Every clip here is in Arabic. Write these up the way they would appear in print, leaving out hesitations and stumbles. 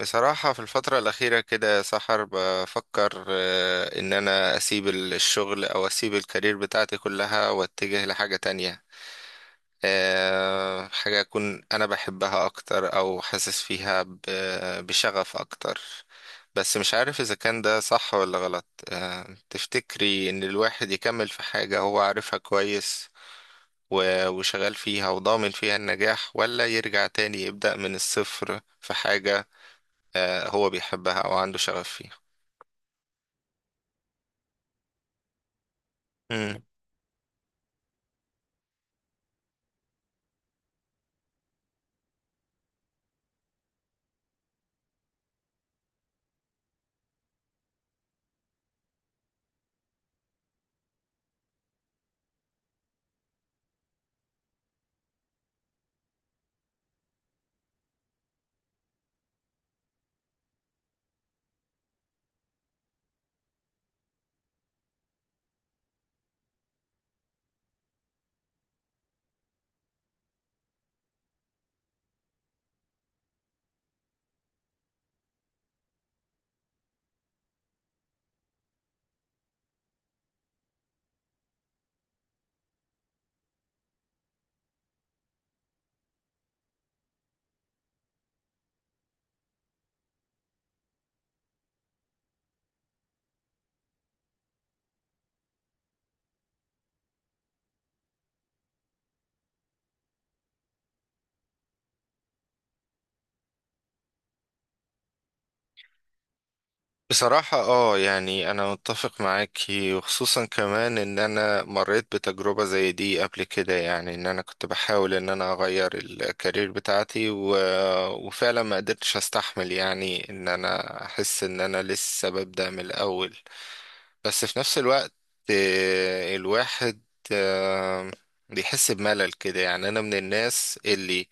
بصراحة، في الفترة الأخيرة كده يا سحر بفكر إن أنا أسيب الشغل أو أسيب الكارير بتاعتي كلها وأتجه لحاجة تانية. حاجة أكون أنا بحبها أكتر أو حاسس فيها بشغف أكتر. بس مش عارف إذا كان ده صح ولا غلط. تفتكري إن الواحد يكمل في حاجة هو عارفها كويس وشغال فيها وضامن فيها النجاح، ولا يرجع تاني يبدأ من الصفر في حاجة هو بيحبها او عنده شغف فيها؟ مم. بصراحة يعني انا متفق معاكي، وخصوصا كمان ان انا مريت بتجربة زي دي قبل كده. يعني ان انا كنت بحاول ان انا اغير الكارير بتاعتي وفعلا ما قدرتش استحمل. يعني ان انا احس ان انا لسه ببدأ من الاول. بس في نفس الوقت الواحد آه، بيحس بملل كده. يعني انا من الناس اللي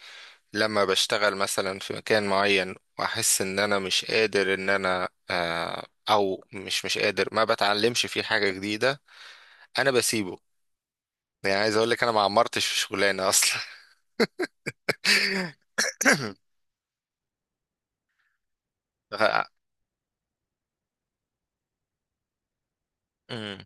لما بشتغل مثلا في مكان معين واحس ان انا مش قادر ان انا او مش قادر، ما بتعلمش فيه حاجة جديدة، انا بسيبه. يعني عايز اقول لك انا ما عمرتش في شغلانة اصلا. ف- مم.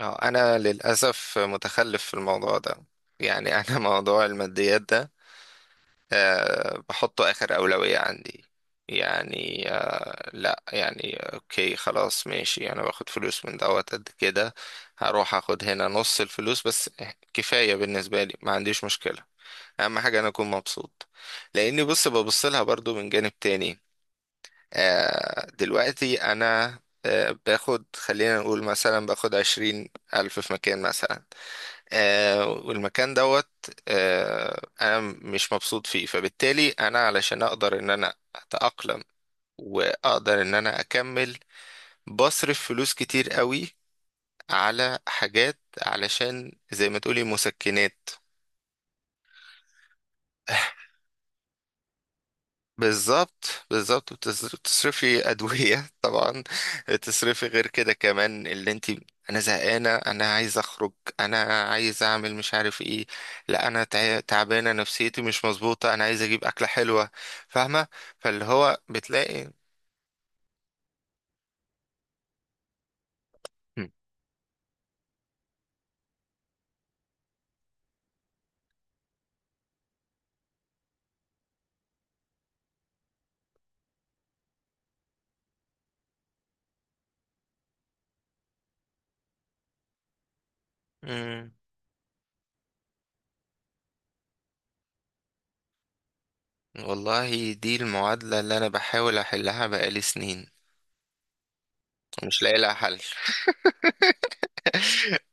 انا للاسف متخلف في الموضوع ده. يعني انا موضوع الماديات ده أه بحطه آخر أولوية عندي. يعني أه لا، يعني أوكي، خلاص، ماشي، أنا باخد فلوس من دوت قد كده، هروح أخد هنا نص الفلوس بس. كفاية بالنسبة لي، ما عنديش مشكلة. أهم حاجة أنا أكون مبسوط، لأني بص ببص لها برضو من جانب تاني. أه دلوقتي أنا أه باخد، خلينا نقول مثلا باخد 20,000 في مكان مثلا، والمكان دوت انا مش مبسوط فيه. فبالتالي انا علشان اقدر ان انا اتأقلم واقدر ان انا اكمل، بصرف فلوس كتير قوي على حاجات علشان زي ما تقولي مسكنات. بالظبط بالظبط، بتصرفي أدوية طبعا، بتصرفي غير كده كمان اللي انت: انا زهقانة، انا عايز اخرج، انا عايز اعمل مش عارف ايه، لا انا تعبانة، نفسيتي مش مظبوطة، انا عايز اجيب اكلة حلوة، فاهمة؟ فاللي هو بتلاقي. مم. مم. والله دي المعادلة اللي انا بحاول احلها بقالي سنين، مش لاقي لها حل.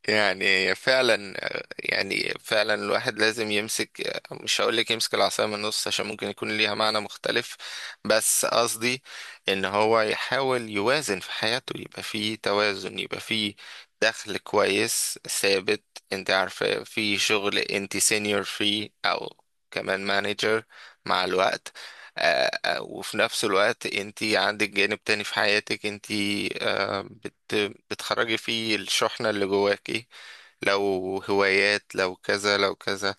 يعني فعلا يعني فعلا الواحد لازم يمسك، مش هقول لك يمسك العصاية من النص عشان ممكن يكون ليها معنى مختلف، بس قصدي ان هو يحاول يوازن في حياته، يبقى فيه توازن، يبقى فيه دخل كويس ثابت. انت عارفة، في شغل انت سينيور فيه او كمان مانجر مع الوقت، وفي نفس الوقت انت عندك جانب تاني في حياتك انت بت... بتخرجي فيه الشحنة اللي جواكي، لو هوايات، لو كذا لو كذا.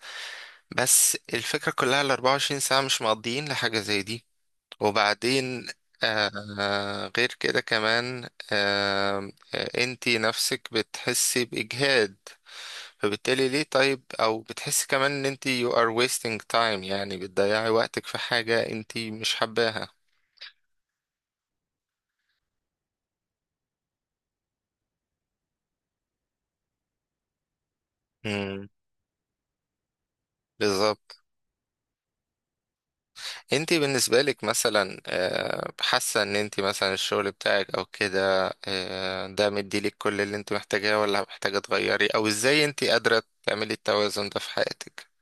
بس الفكرة كلها ال 24 ساعة مش مقضيين لحاجة زي دي. وبعدين آه غير كده كمان انتي نفسك بتحسي بإجهاد، فبالتالي ليه؟ طيب، أو بتحسي كمان ان انتي you are wasting time، يعني بتضيعي وقتك في حاجة انتي مش حباها. مم، بالظبط. انت بالنسبة لك مثلا حاسة ان انت مثلا الشغل بتاعك او كده ده مديلك كل اللي انت محتاجاه، ولا محتاجة تغيري؟ او ازاي انت قادرة تعملي التوازن ده في حياتك؟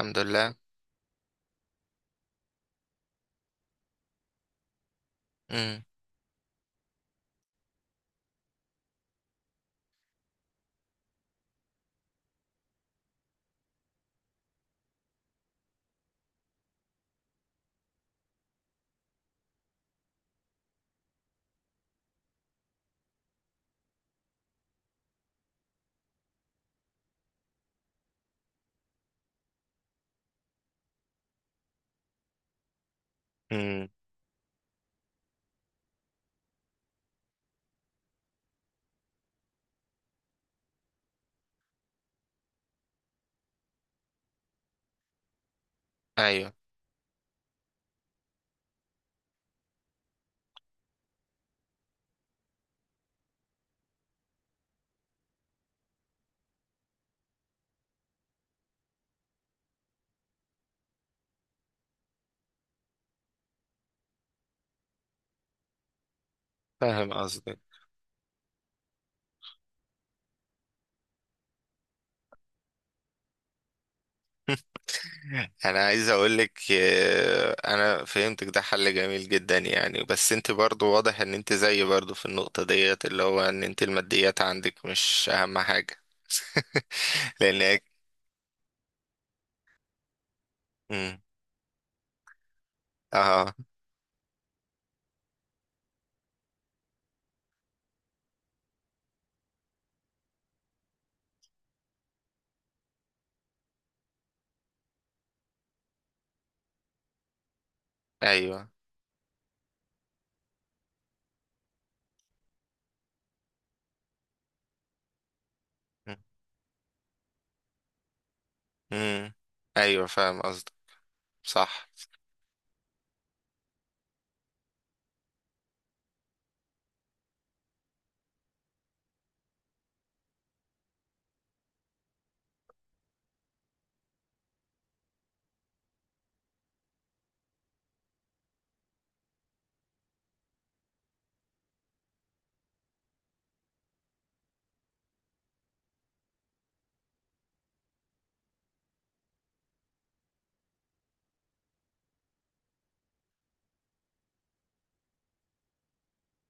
الحمد لله. امم. امم. ايوه فاهم قصدك. انا عايز اقولك انا فهمتك، ده حل جميل جدا يعني. بس انت برضو واضح ان انت زيي برضو في النقطة ديت، اللي هو ان انت الماديات عندك مش اهم حاجة. لان مم. اه. ايوه. امم. ايوه فاهم قصدك. صح.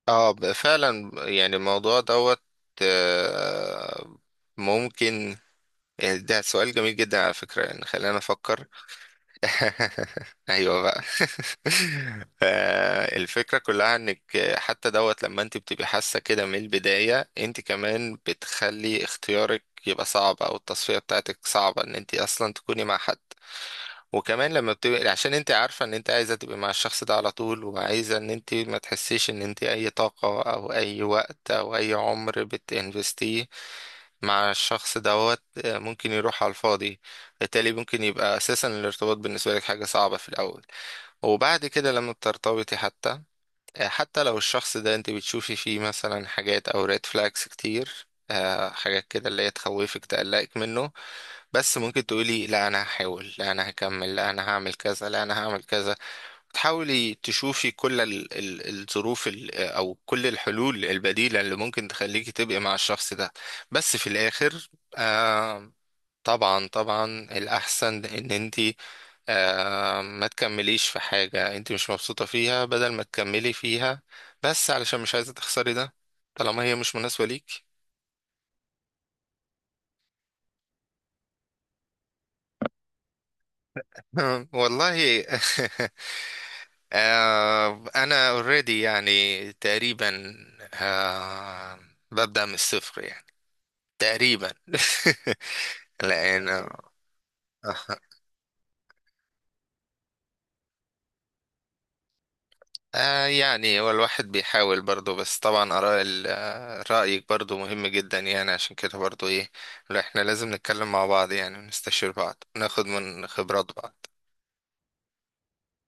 اه فعلا. يعني الموضوع دوت آه، ممكن، يعني ده سؤال جميل جدا على فكرة. يعني خلينا افكر. ايوه بقى. الفكرة كلها انك حتى دوت لما انت بتبقي حاسة كده من البداية، انت كمان بتخلي اختيارك يبقى صعب، او التصفية بتاعتك صعبة ان انت اصلا تكوني مع حد. وكمان لما بتبقى عشان انت عارفة ان انت عايزة تبقى مع الشخص ده على طول، وعايزة ان انت ما تحسيش ان انت اي طاقة او اي وقت او اي عمر بتنفستيه مع الشخص دوت ممكن يروح على الفاضي. بالتالي ممكن يبقى اساسا الارتباط بالنسبة لك حاجة صعبة في الاول. وبعد كده لما بترتبطي حتى حتى لو الشخص ده انت بتشوفي فيه مثلا حاجات او ريد فلاجز كتير حاجات كده اللي هي تخوفك تقلقك منه، بس ممكن تقولي لا انا هحاول، لا انا هكمل، لا انا هعمل كذا، لا انا هعمل كذا. تحاولي تشوفي كل الظروف او كل الحلول البديلة اللي ممكن تخليكي تبقي مع الشخص ده. بس في الاخر آه، طبعا طبعا، الاحسن ان انتي آه ما تكمليش في حاجة انتي مش مبسوطة فيها، بدل ما تكملي فيها بس علشان مش عايزة تخسري ده طالما هي مش مناسبة ليك. والله. آه انا اوريدي، يعني تقريبا، آه ببدأ من الصفر يعني، تقريبا. لان آه، يعني هو الواحد بيحاول برضه. بس طبعا آراء ال- آه، رأيك برضه مهم جدا يعني، عشان كده برضه ايه، لا، احنا لازم نتكلم مع بعض يعني ونستشير بعض، ناخد من خبرات بعض.